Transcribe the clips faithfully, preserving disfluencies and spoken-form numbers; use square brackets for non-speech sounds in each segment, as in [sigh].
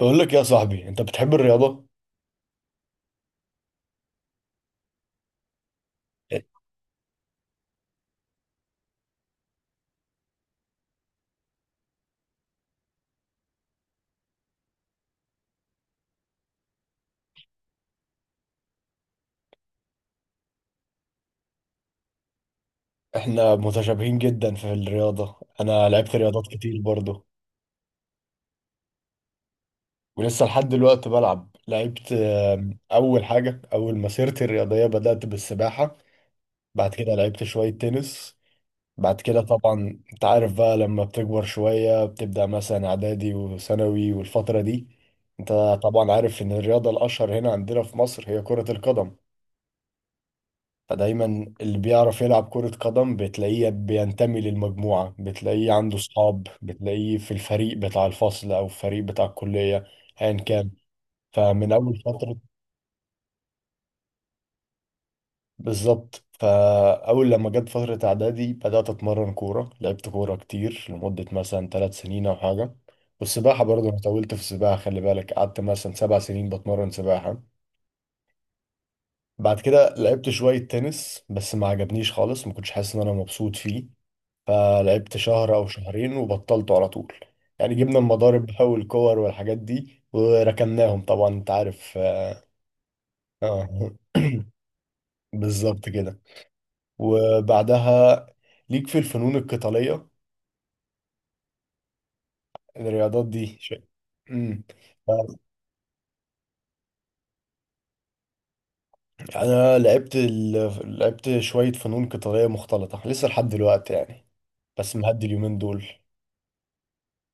بقول لك يا صاحبي، انت بتحب الرياضة؟ احنا متشابهين جدا في الرياضة. انا لعبت رياضات كتير برضه ولسه لحد دلوقتي بلعب. لعبت آم، اول حاجة، اول مسيرتي الرياضية بدأت بالسباحة. بعد كده لعبت شوية تنس. بعد كده طبعا انت عارف بقى، لما بتكبر شوية بتبدأ مثلا اعدادي وثانوي والفترة دي. انت طبعا عارف ان الرياضة الاشهر هنا عندنا في مصر هي كرة القدم. فدايما اللي بيعرف يلعب كرة قدم بتلاقيه بينتمي للمجموعة، بتلاقيه عنده صحاب، بتلاقيه في الفريق بتاع الفصل أو الفريق بتاع الكلية، أيا كان. فمن أول فترة بالظبط، فأول لما جت فترة إعدادي بدأت أتمرن كورة. لعبت كورة كتير لمدة مثلا ثلاث سنين أو حاجة. والسباحة برضه أنا طولت في السباحة، خلي بالك قعدت مثلا سبع سنين بتمرن سباحة. بعد كده لعبت شوية تنس بس ما عجبنيش خالص، ما كنتش حاسس إن أنا مبسوط فيه. فلعبت شهر او شهرين وبطلته على طول. يعني جبنا المضارب بقى والكور والحاجات دي وركناهم، طبعا انت عارف، اه. [clears throat] بالظبط كده. وبعدها ليك في الفنون القتالية، الرياضات دي شيء. امم انا لعبت ال... لعبت شوية فنون قتالية مختلطة لسه لحد دلوقتي يعني، بس مهدي اليومين دول.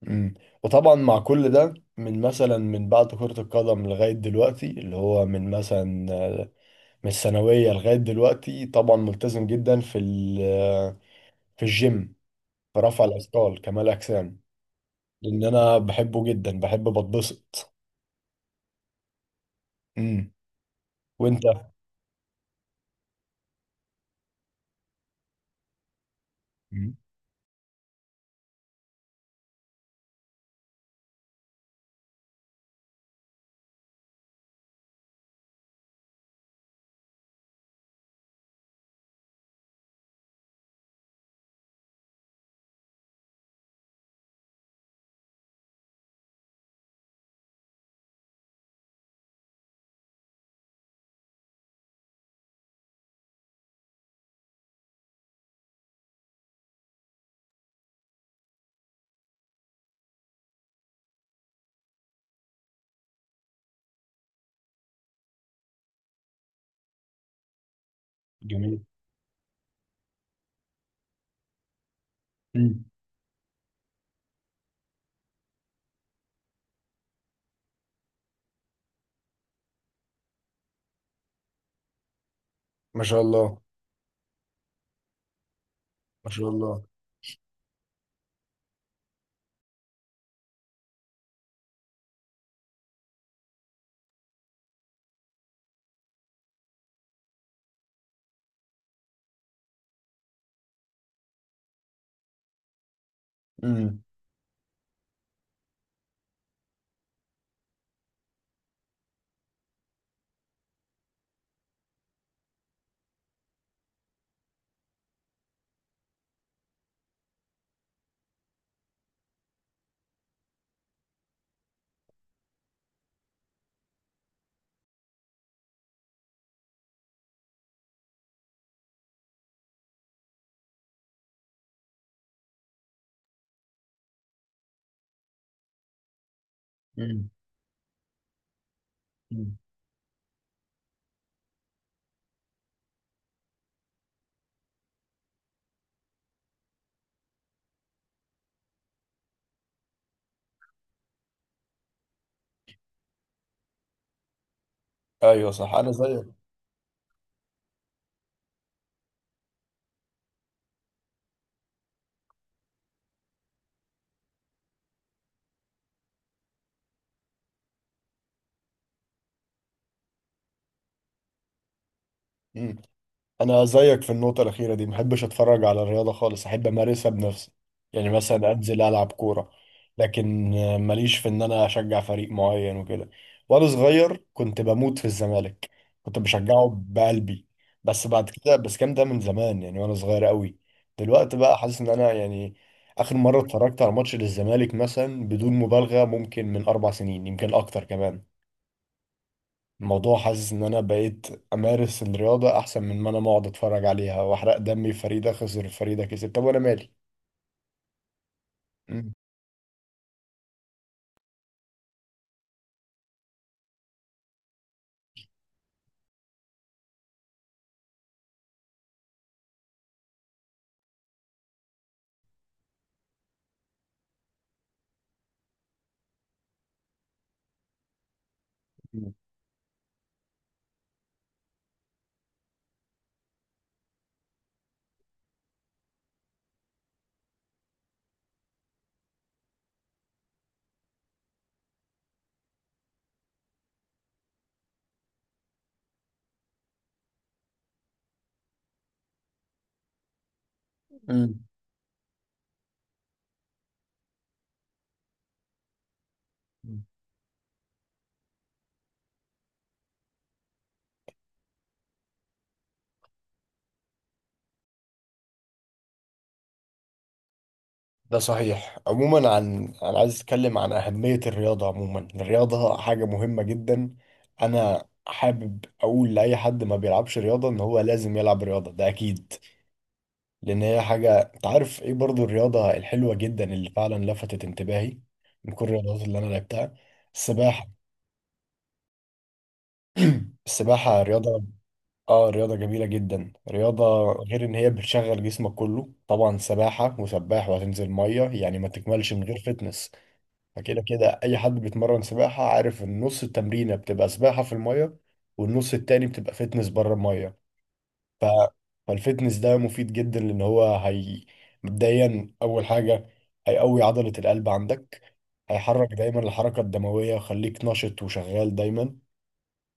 امم وطبعا مع كل ده، من مثلا من بعد كرة القدم لغاية دلوقتي، اللي هو من مثلا من الثانوية لغاية دلوقتي، طبعا ملتزم جدا في ال- في الجيم، في رفع الأثقال، كمال أجسام. لأن أنا بحبه جدا، بحب بتبسط. امم وأنت؟ مم. جميل. مم. ما شاء الله. ما شاء الله. امم. امم. أيوه صح، أنا زيك. مم. انا زيك في النقطه الاخيره دي، محبش اتفرج على الرياضه خالص، احب امارسها بنفسي. يعني مثلا انزل العب كوره. لكن ماليش في ان انا اشجع فريق معين وكده. وانا صغير كنت بموت في الزمالك، كنت بشجعه بقلبي. بس بعد كده، بس كام ده، من زمان يعني وانا صغير قوي. دلوقتي بقى حاسس ان انا يعني، اخر مره اتفرجت على ماتش للزمالك مثلا، بدون مبالغه ممكن من اربع سنين، يمكن اكتر كمان. الموضوع، حاسس ان انا بقيت امارس الرياضة احسن من ما انا اقعد اتفرج عليها واحرق دمي. فريدة خسر، فريدة كسب، طب وانا مالي؟ مم. مم. مم. ده صحيح. عموما، عن انا عايز اتكلم عن اهمية الرياضة عموما. الرياضة حاجة مهمة جدا. انا حابب اقول لاي حد ما بيلعبش رياضة ان هو لازم يلعب رياضة، ده اكيد. لان هي حاجة، انت عارف ايه برضو الرياضة الحلوة جدا اللي فعلا لفتت انتباهي من كل الرياضات اللي انا لعبتها؟ السباحة. السباحة رياضة. اه، رياضة جميلة جدا، رياضة غير ان هي بتشغل جسمك كله. طبعا سباحة وسباح وهتنزل مية، يعني ما تكملش من غير فتنس. فكده كده اي حد بيتمرن سباحة عارف ان نص التمرينة بتبقى سباحة في المية والنص التاني بتبقى فتنس بره المية. ف... فالفتنس ده مفيد جدا، لان هو هي مبدئيا اول حاجة هيقوي عضلة القلب عندك، هيحرك دايما الحركة الدموية وخليك نشط وشغال دايما،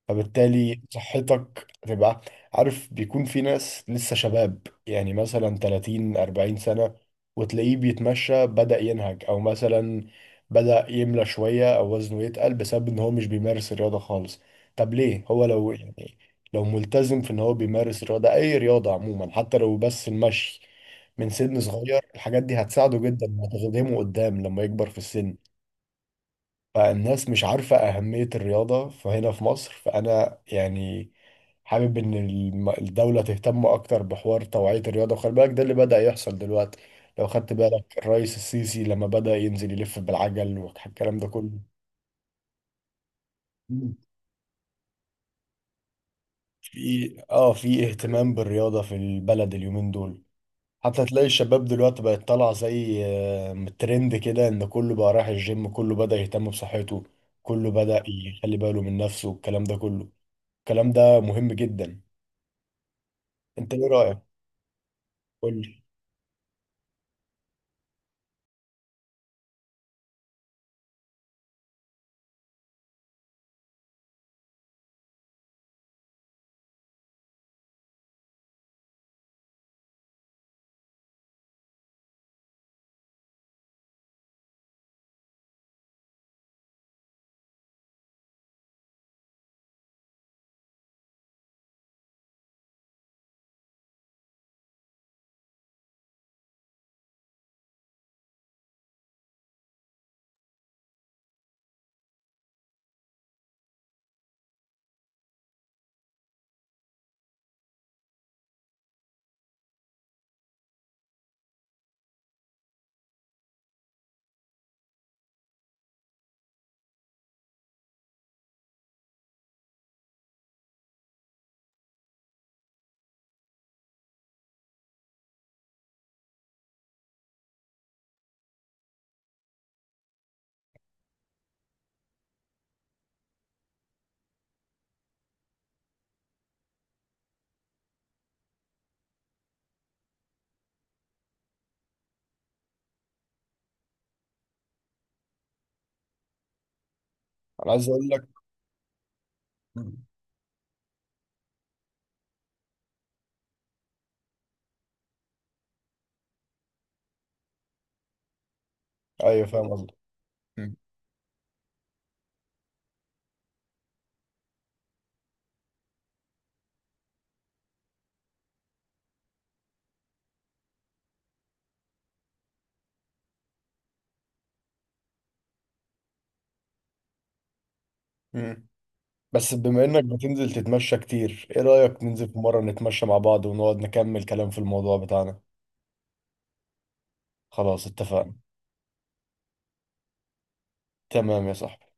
فبالتالي صحتك تبقى، عارف، بيكون في ناس لسه شباب يعني مثلا تلاتين أربعين سنة وتلاقيه بيتمشى بدأ ينهج، او مثلا بدأ يملى شوية او وزنه يتقل بسبب ان هو مش بيمارس الرياضة خالص. طب ليه؟ هو لو يعني لو ملتزم في ان هو بيمارس رياضة، اي رياضة عموما، حتى لو بس المشي من سن صغير، الحاجات دي هتساعده جدا وهتخدمه قدام لما يكبر في السن. فالناس مش عارفة أهمية الرياضة فهنا في مصر، فأنا يعني حابب إن الم- الدولة تهتم أكتر بحوار توعية الرياضة. وخلي بالك ده اللي بدأ يحصل دلوقتي، لو خدت بالك الرئيس السيسي لما بدأ ينزل يلف بالعجل والكلام ده كله. مم. في اه في اهتمام بالرياضة في البلد اليومين دول، حتى تلاقي الشباب دلوقتي بقت طالعة زي آه، ترند كده، ان كله بقى رايح الجيم، كله بدأ يهتم بصحته، كله بدأ يخلي باله من نفسه والكلام ده كله. الكلام ده مهم جدا. انت ايه رأيك؟ قول لي. انا عايز اقول لك. مم. ايوه فاهم قصدك. مم. مم. بس بما انك بتنزل تتمشى كتير، ايه رأيك ننزل في مرة نتمشى مع بعض ونقعد نكمل كلام في الموضوع بتاعنا؟ خلاص اتفقنا. تمام يا صاحبي.